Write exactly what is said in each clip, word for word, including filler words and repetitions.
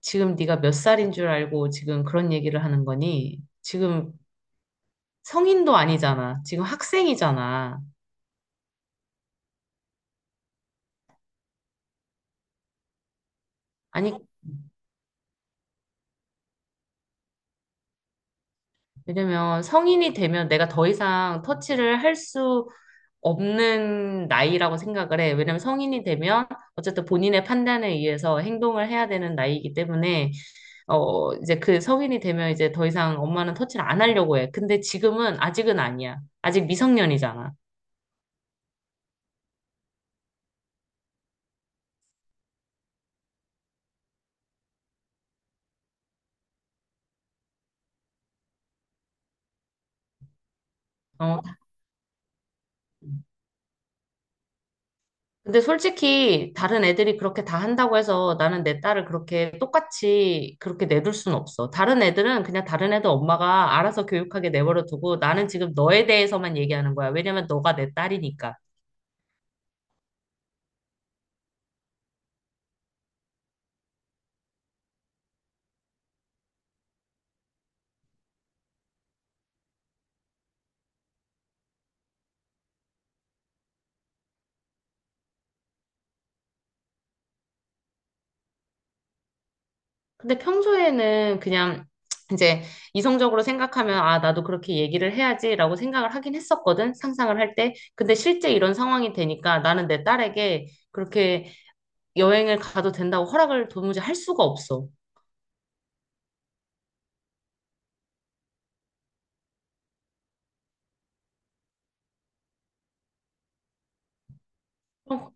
지금 네가 몇 살인 줄 알고 지금 그런 얘기를 하는 거니? 지금 성인도 아니잖아. 지금 학생이잖아. 아니, 왜냐면 성인이 되면 내가 더 이상 터치를 할 수 없는 나이라고 생각을 해. 왜냐면 성인이 되면 어쨌든 본인의 판단에 의해서 행동을 해야 되는 나이이기 때문에 어, 이제 그 성인이 되면 이제 더 이상 엄마는 터치를 안 하려고 해. 근데 지금은 아직은 아니야. 아직 미성년이잖아. 어, 근데 솔직히 다른 애들이 그렇게 다 한다고 해서 나는 내 딸을 그렇게 똑같이 그렇게 내둘 순 없어. 다른 애들은 그냥 다른 애들 엄마가 알아서 교육하게 내버려 두고 나는 지금 너에 대해서만 얘기하는 거야. 왜냐면 너가 내 딸이니까. 근데 평소에는 그냥 이제 이성적으로 생각하면 아, 나도 그렇게 얘기를 해야지라고 생각을 하긴 했었거든. 상상을 할 때. 근데 실제 이런 상황이 되니까 나는 내 딸에게 그렇게 여행을 가도 된다고 허락을 도무지 할 수가 없어. 어,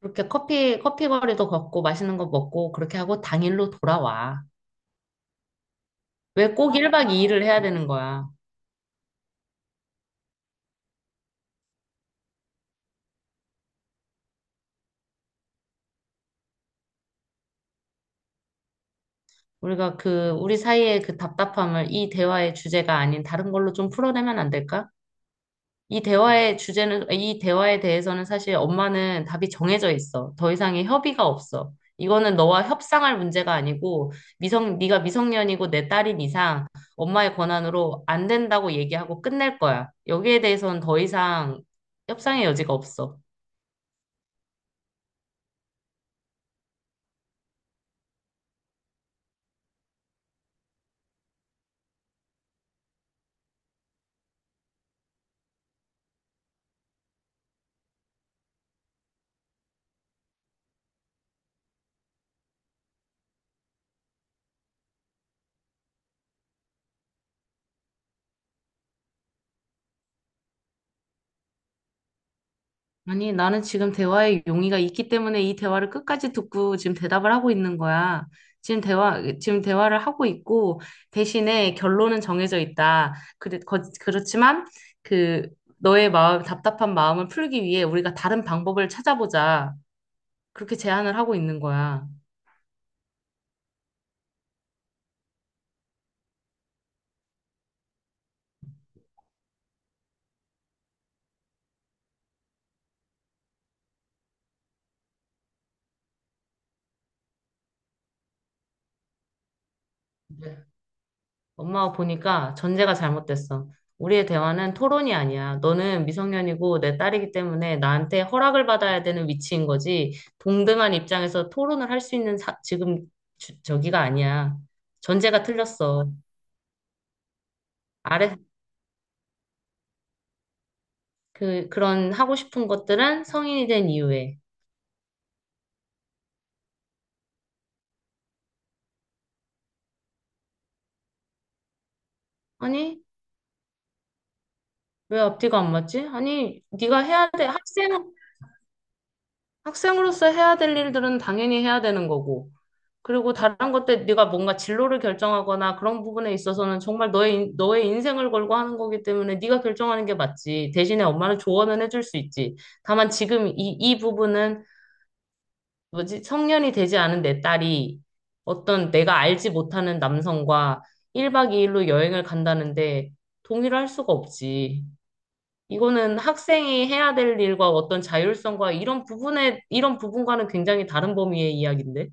그렇게 커피, 커피 거리도 걷고 맛있는 거 먹고 그렇게 하고 당일로 돌아와. 왜 꼭 일 박 이 일을 해야 되는 거야? 우리가 그, 우리 사이의 그 답답함을 이 대화의 주제가 아닌 다른 걸로 좀 풀어내면 안 될까? 이 대화의 주제는, 이 대화에 대해서는 사실 엄마는 답이 정해져 있어. 더 이상의 협의가 없어. 이거는 너와 협상할 문제가 아니고 미성, 네가 미성년이고 내 딸인 이상 엄마의 권한으로 안 된다고 얘기하고 끝낼 거야. 여기에 대해서는 더 이상 협상의 여지가 없어. 아니, 나는 지금 대화에 용의가 있기 때문에 이 대화를 끝까지 듣고 지금 대답을 하고 있는 거야. 지금 대화, 지금 대화를 하고 있고, 대신에 결론은 정해져 있다. 그래, 거- 그렇지만, 그, 너의 마음, 답답한 마음을 풀기 위해 우리가 다른 방법을 찾아보자. 그렇게 제안을 하고 있는 거야. 네. 엄마가 보니까 전제가 잘못됐어. 우리의 대화는 토론이 아니야. 너는 미성년이고 내 딸이기 때문에 나한테 허락을 받아야 되는 위치인 거지. 동등한 입장에서 토론을 할 수 있는 사- 지금 주- 저기가 아니야. 전제가 틀렸어. 아래 그 그런 하고 싶은 것들은 성인이 된 이후에. 아니, 왜 앞뒤가 안 맞지? 아니, 네가 해야 돼. 학생 학생으로서 해야 될 일들은 당연히 해야 되는 거고. 그리고 다른 것 때 네가 뭔가 진로를 결정하거나 그런 부분에 있어서는 정말 너의 인- 너의 인생을 걸고 하는 거기 때문에 네가 결정하는 게 맞지. 대신에 엄마는 조언은 해줄 수 있지. 다만 지금 이, 이 부분은 뭐지? 성년이 되지 않은 내 딸이 어떤 내가 알지 못하는 남성과 일 박 이 일로 여행을 간다는데 동의를 할 수가 없지. 이거는 학생이 해야 될 일과 어떤 자율성과 이런 부분에 이런 부분과는 굉장히 다른 범위의 이야기인데.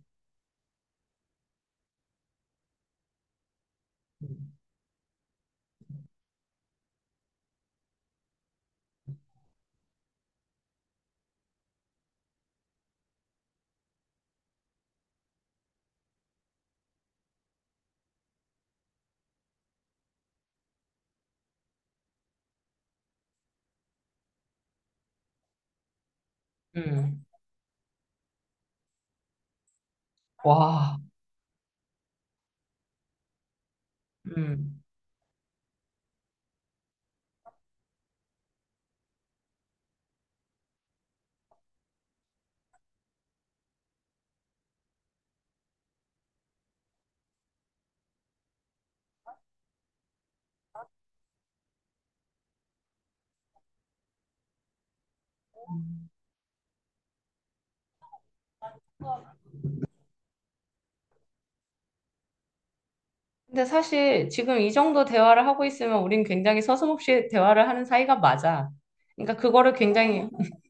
음. 와. 음. 근데 사실 지금 이 정도 대화를 하고 있으면 우린 굉장히 서슴없이 대화를 하는 사이가 맞아. 그러니까 그거를 굉장히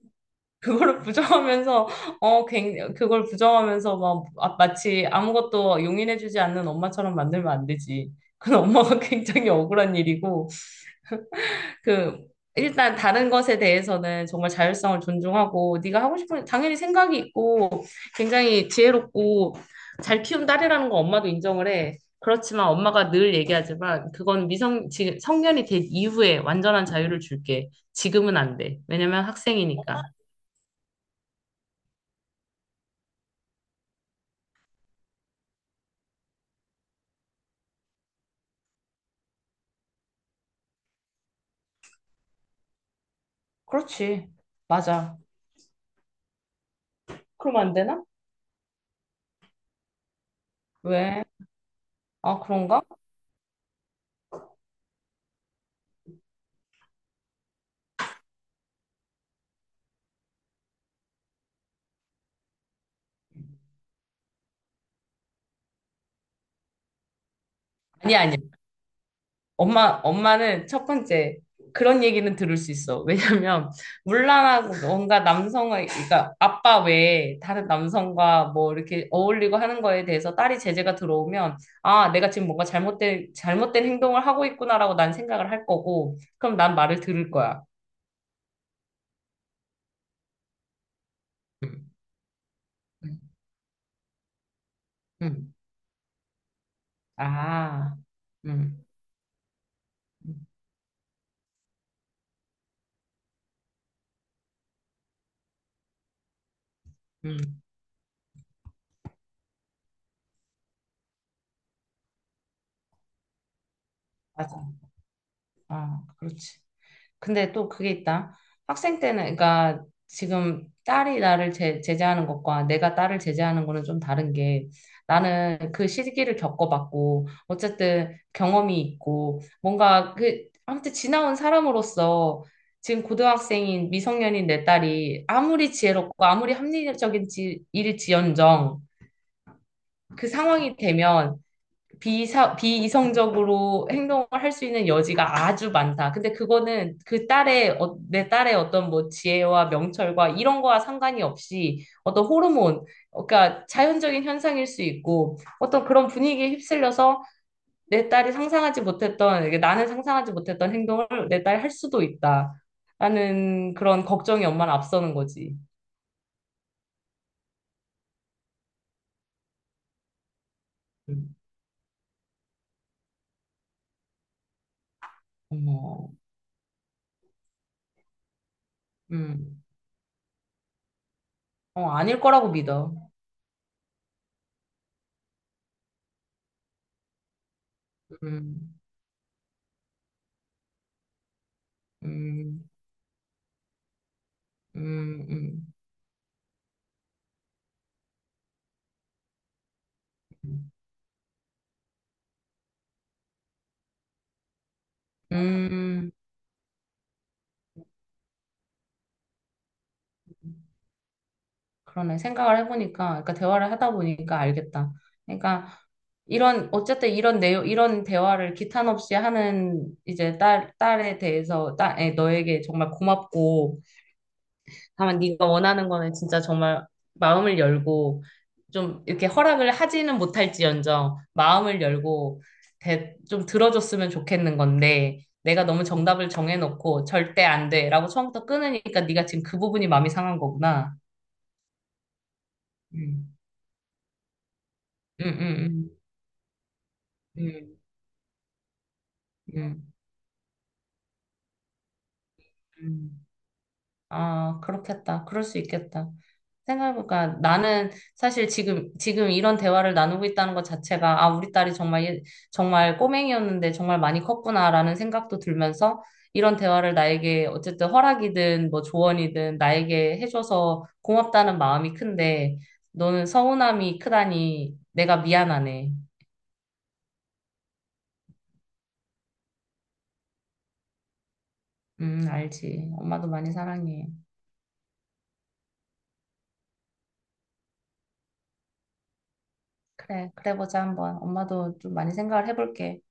그거를 부정하면서 어 굉- 그걸 부정하면서 막 아, 마치 아무것도 용인해주지 않는 엄마처럼 만들면 안 되지. 그건 엄마가 굉장히 억울한 일이고 그 일단 다른 것에 대해서는 정말 자율성을 존중하고 네가 하고 싶은 당연히 생각이 있고 굉장히 지혜롭고 잘 키운 딸이라는 거 엄마도 인정을 해. 그렇지만 엄마가 늘 얘기하지만 그건 미성 지금 성년이 된 이후에 완전한 자유를 줄게. 지금은 안 돼. 왜냐면 학생이니까. 그렇지. 맞아. 그럼 안 되나? 왜? 아, 그런가? 아니야, 아니야. 엄마, 엄마는 첫 번째, 그런 얘기는 들을 수 있어. 왜냐면, 물란하고 뭔가 남성의, 그러니까 아빠 외에 다른 남성과 뭐 이렇게 어울리고 하는 거에 대해서 딸이 제재가 들어오면, 아, 내가 지금 뭔가 잘못된, 잘못된 행동을 하고 있구나라고 난 생각을 할 거고, 그럼 난 말을 들을 거야. 음, 음, 음. 아, 음, 음, 음. 맞아. 아, 그렇지. 근데 또 그게 있다. 학생 때는, 그러니까 지금 딸이 나를 제, 제재하는 것과 내가 딸을 제재하는 거는 좀 다른 게 나는 그 시기를 겪어봤고, 어쨌든 경험이 있고, 뭔가 그, 아무튼 지나온 사람으로서 지금 고등학생인 미성년인 내 딸이 아무리 지혜롭고 아무리 합리적인 지, 일일지언정 그 상황이 되면 비사, 비이성적으로 행동을 할 수 있는 여지가 아주 많다. 근데 그거는 그 딸의, 어, 내 딸의 어떤 뭐 지혜와 명철과 이런 거와 상관이 없이 어떤 호르몬, 어, 그러니까 자연적인 현상일 수 있고 어떤 그런 분위기에 휩쓸려서 내 딸이 상상하지 못했던, 이게 나는 상상하지 못했던 행동을 내 딸이 할 수도 있다. 라는 그런 걱정이 엄마를 앞서는 거지. 음, 어머, 음, 어, 아닐 거라고 믿어. 음, 음, 음, 음. 음. 음, 그러네. 생각을 해보니까, 그러니까 대화를 하다 보니까 알겠다. 그러니까 이런, 어쨌든 이런 내용, 이런 대화를 기탄 없이 하는 이제 딸, 딸에 대해서, 딸, 에, 너에게 정말 고맙고, 다만 네가 원하는 거는 진짜 정말 마음을 열고, 좀 이렇게 허락을 하지는 못할지언정 마음을 열고 대, 좀 들어줬으면 좋겠는 건데, 내가 너무 정답을 정해놓고 절대 안 돼라고 처음부터 끊으니까 네가 지금 그 부분이 마음이 상한 거구나. 음. 음, 음, 음, 음, 음. 음. 아, 그렇겠다. 그럴 수 있겠다. 생각해보니까 나는 사실 지금, 지금 이런 대화를 나누고 있다는 것 자체가, 아, 우리 딸이 정말, 예- 정말 꼬맹이였는데 정말 많이 컸구나라는 생각도 들면서 이런 대화를 나에게 어쨌든 허락이든 뭐 조언이든 나에게 해줘서 고맙다는 마음이 큰데 너는 서운함이 크다니 내가 미안하네. 음, 알지. 엄마도 많이 사랑해. 그래, 그래 보자, 한번. 엄마도 좀 많이 생각을 해볼게.